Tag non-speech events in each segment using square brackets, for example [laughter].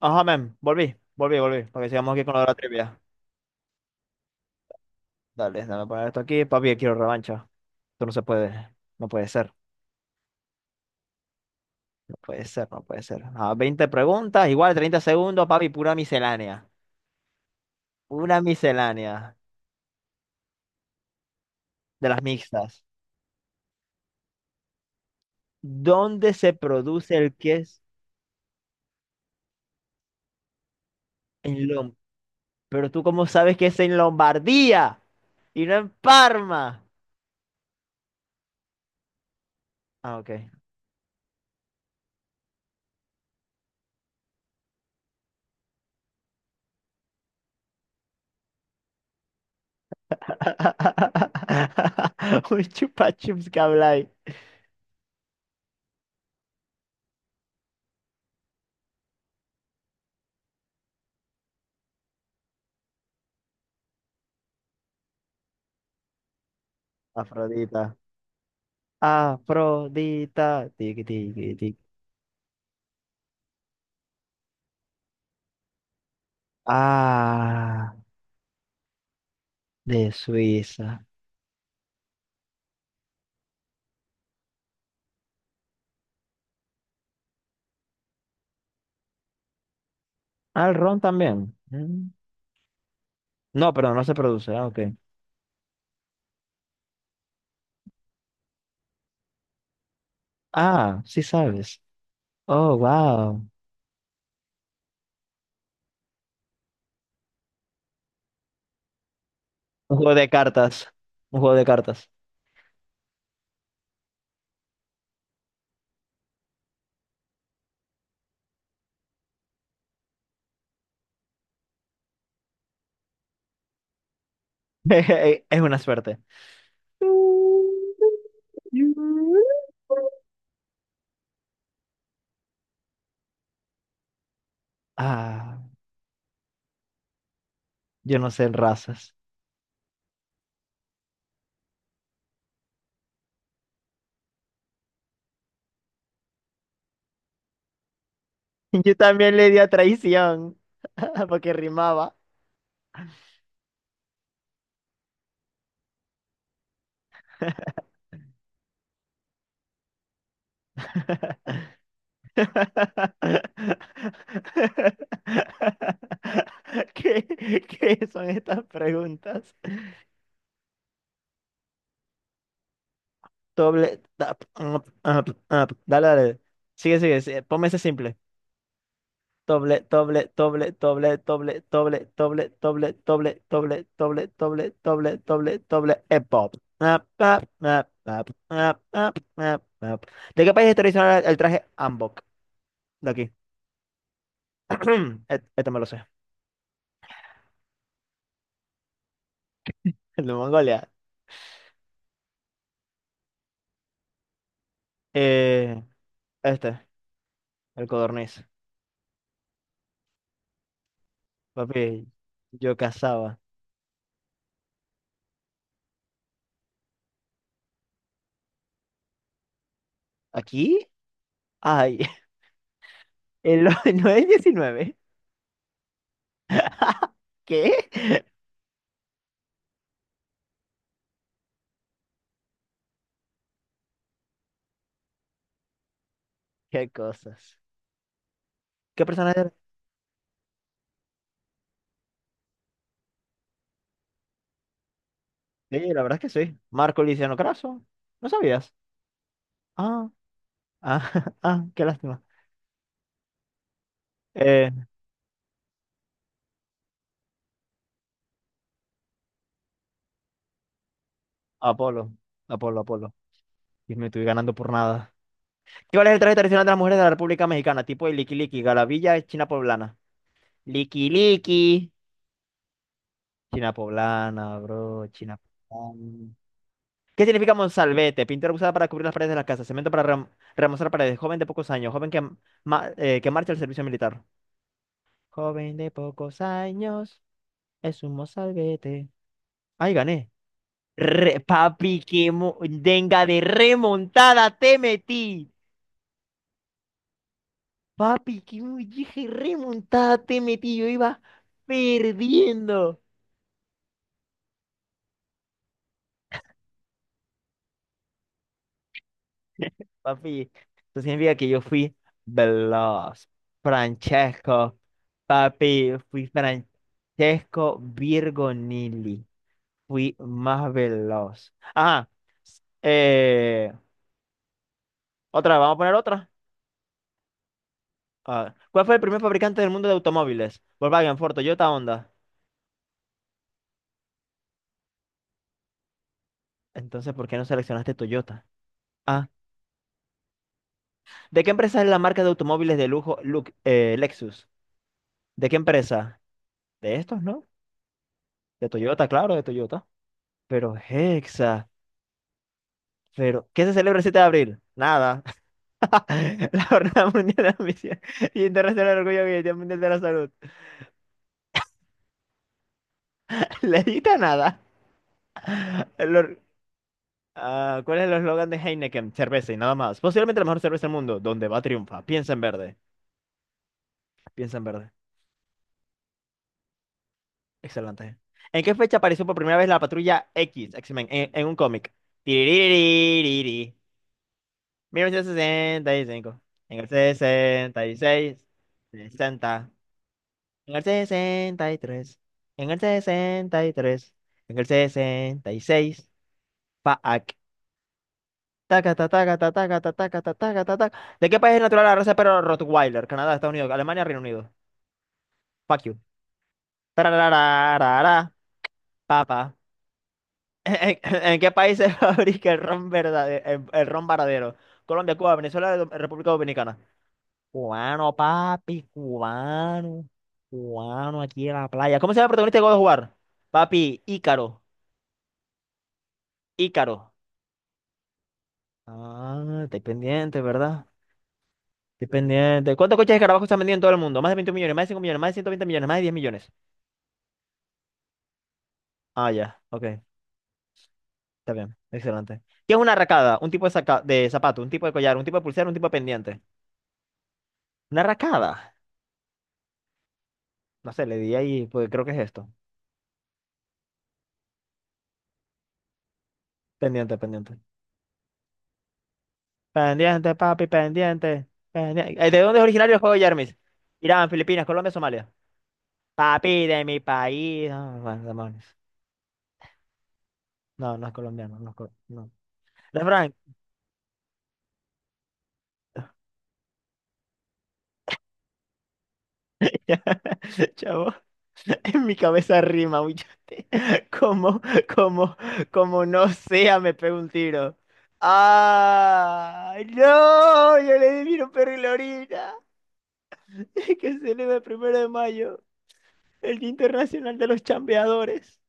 Ajá, men, volví, volví, volví, para que sigamos aquí con la de la trivia. Dale, déjame poner esto aquí, papi, quiero revancha. Esto no se puede, no puede ser, no puede ser, no puede ser. 20 preguntas, igual 30 segundos, papi, pura miscelánea. Una miscelánea de las mixtas. ¿Dónde se produce el queso en Lom? Pero tú cómo sabes que es en Lombardía y no en Parma. Ok. [laughs] Un chupa chups que habláis. Afrodita. Afrodita, tiki tiki tiki. Ah, de Suiza. El ron también. Mm. No, pero no se produce. Ok. Sí sabes. Oh, wow. Un juego de cartas. Un juego de cartas. [laughs] Es una suerte. Ah, yo no sé en razas. [laughs] Yo también le di a traición [laughs] porque rimaba. [laughs] ¿Qué, qué son estas preguntas? Doble, tap, up, up, up. Dale, dale. Sigue, sigue, sigue. Ponme ese simple. Doble, doble, doble, doble, doble, doble, doble, doble, doble, doble, doble, doble, doble, doble, doble, pop. Up, up, up, up, up, up, up, up. ¿De qué país es tradicional el traje Ambok? De aquí. [clears throat] Este, me lo sé. El de Mongolia. Eh, este. Al codorniz. Papi, yo cazaba. ¿Aquí? Ay, [laughs] el 9 diecinueve. ¿Qué? [laughs] ¿Qué cosas? ¿Qué persona eres? Sí, la verdad es que sí. Marco Liciano Craso. ¿No sabías? Ah, ah, [laughs] qué lástima. Eh, Apolo. Apolo, Apolo. Y me estoy ganando por nada. ¿Cuál es el traje tradicional de las mujeres de la República Mexicana? Tipo de liqui liqui, garabilla, china poblana. Liqui liqui. China poblana, bro. China poblana. ¿Qué significa Monsalvete? Pintura usada para cubrir las paredes de las casas. Cemento para remozar paredes. Joven de pocos años. Joven que, que marcha al servicio militar. Joven de pocos años. Es un Monsalvete. Ay, gané. Papi, que denga de remontada te metí. Papi, que dije remontada te metí. Yo iba perdiendo. Papi, eso significa que yo fui veloz. Francesco, papi, fui Francesco Virgo Nili. Fui más veloz. Eh, otra, vamos a poner otra. ¿Cuál fue el primer fabricante del mundo de automóviles? Volkswagen, Ford, Toyota, Honda. Entonces, ¿por qué no seleccionaste Toyota? Ah, ¿De qué empresa es la marca de automóviles de lujo Lexus? ¿De qué empresa? De estos, ¿no? De Toyota, claro, de Toyota. Pero Hexa. Pero, ¿qué se celebra el 7 de abril? Nada. [laughs] La Jornada Mundial de la Misión y Internacional del Orgullo Gay, el Día Mundial de la Salud. [laughs] Le edita nada. El or-. ¿Cuál es el eslogan de Heineken? Cerveza y nada más. Posiblemente la mejor cerveza del mundo. Donde va triunfa. Piensa en verde. Piensa en verde. Excelente. ¿En qué fecha apareció por primera vez la Patrulla X, X-Men, en un cómic? Tiririririri. 1965. En el 66. 60. En el 63, en el 63, en el 66, Faak. Taca, ta, taca, ta, taca, ta, taca, ta, taca, ta, taca. ¿De qué país es natural la raza de perro Rottweiler? Canadá, Estados Unidos, Alemania, Reino Unido. Fuck you. Tararararara, papa. [laughs] ¿En qué país se [laughs] fabrica el ron verdadero, el ron varadero? Colombia, Cuba, Venezuela, República Dominicana. Cubano, papi, cubano. Cubano aquí en la playa. ¿Cómo se llama el protagonista de God of War? Papi, Ícaro. Ícaro. Estoy pendiente, ¿verdad? Estoy pendiente. ¿Cuántos coches de escarabajo están vendiendo en todo el mundo? Más de 20 millones, más de 5 millones, más de 120 millones, más de 10 millones. Ya, ok, está bien, excelente. ¿Qué es una racada? Un tipo de, de zapato, un tipo de collar, un tipo de pulsera, un tipo de pendiente. ¿Una racada? No sé, le di ahí, pues creo que es esto. Pendiente, pendiente. Pendiente, papi, pendiente. Pendiente. ¿De dónde es originario el juego de Yarmis? Irán, Filipinas, Colombia, Somalia. Papi de mi país. Bueno, demonios. No, no es colombiano, no es colombiano. [laughs] Chavo, en mi cabeza rima, huichote. Como, como, como [laughs] no sea, me pego un tiro. ¡Ah! ¡No! Yo le di un perro y la orina. [laughs] Que se celebra el 1 de mayo, el Día Internacional de los Chambeadores.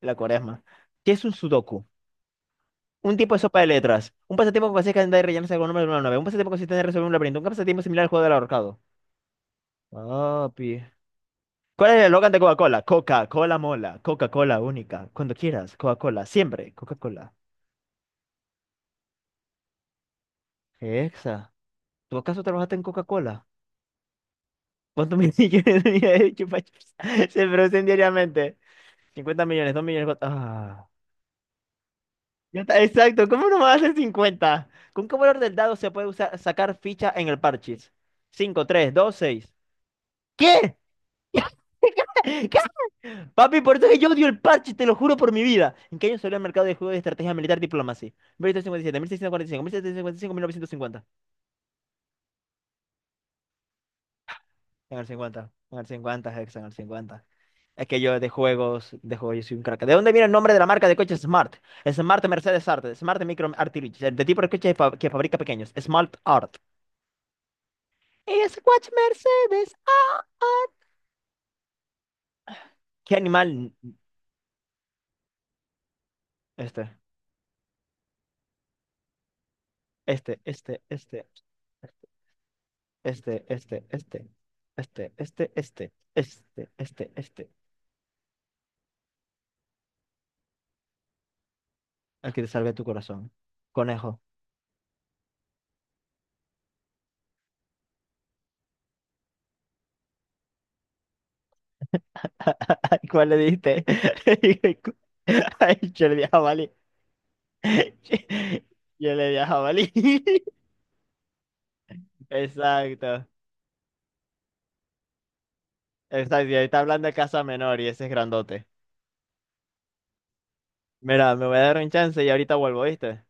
La cuaresma. ¿Qué es un sudoku? Un tipo de sopa de letras. Un pasatiempo que consiste en andar y rellenarse con números de una nave. Un pasatiempo que consiste en resolver un laberinto. Un pasatiempo similar al juego del ahorcado. Papi. ¿Cuál es el eslogan de Coca-Cola? Coca-Cola mola, Coca-Cola única, cuando quieras, Coca-Cola, siempre, Coca-Cola. Exa, ¿tú acaso trabajaste en Coca-Cola? ¿Cuántos [laughs] millones tenía de Chupa Chups? [laughs] Se producen diariamente. 50 millones, 2 millones. Ya está, exacto, ¿cómo no va a ser 50? ¿Con qué valor del dado se puede usar, sacar ficha en el parchís? 5, 3, 2, 6. ¿Qué? [laughs] Papi, por eso es que yo odio el parche, te lo juro por mi vida. ¿En qué año salió al mercado de juegos de estrategia militar Diplomacy? 1857, 1645, 1755, 1950. ¿En el 50? En el 50, Hex, en el 50. Es que yo de juegos, yo soy un crack. ¿De dónde viene el nombre de la marca de coches Smart? Smart Mercedes Art, Smart Micro Artillery, de tipo de coche que fabrica pequeños, Smart Art. Es watch Mercedes Art. ¿Qué animal? Este, este, este, este. Este, este, este, este, Al que te salve tu corazón. Conejo. [laughs] ¿Cuál le diste? [laughs] Ay, yo le di a jabalí. [laughs] Yo le di a jabalí. [laughs] Exacto. Exacto. Y ahorita hablando de casa menor y ese es grandote. Mira, me voy a dar un chance y ahorita vuelvo, ¿viste?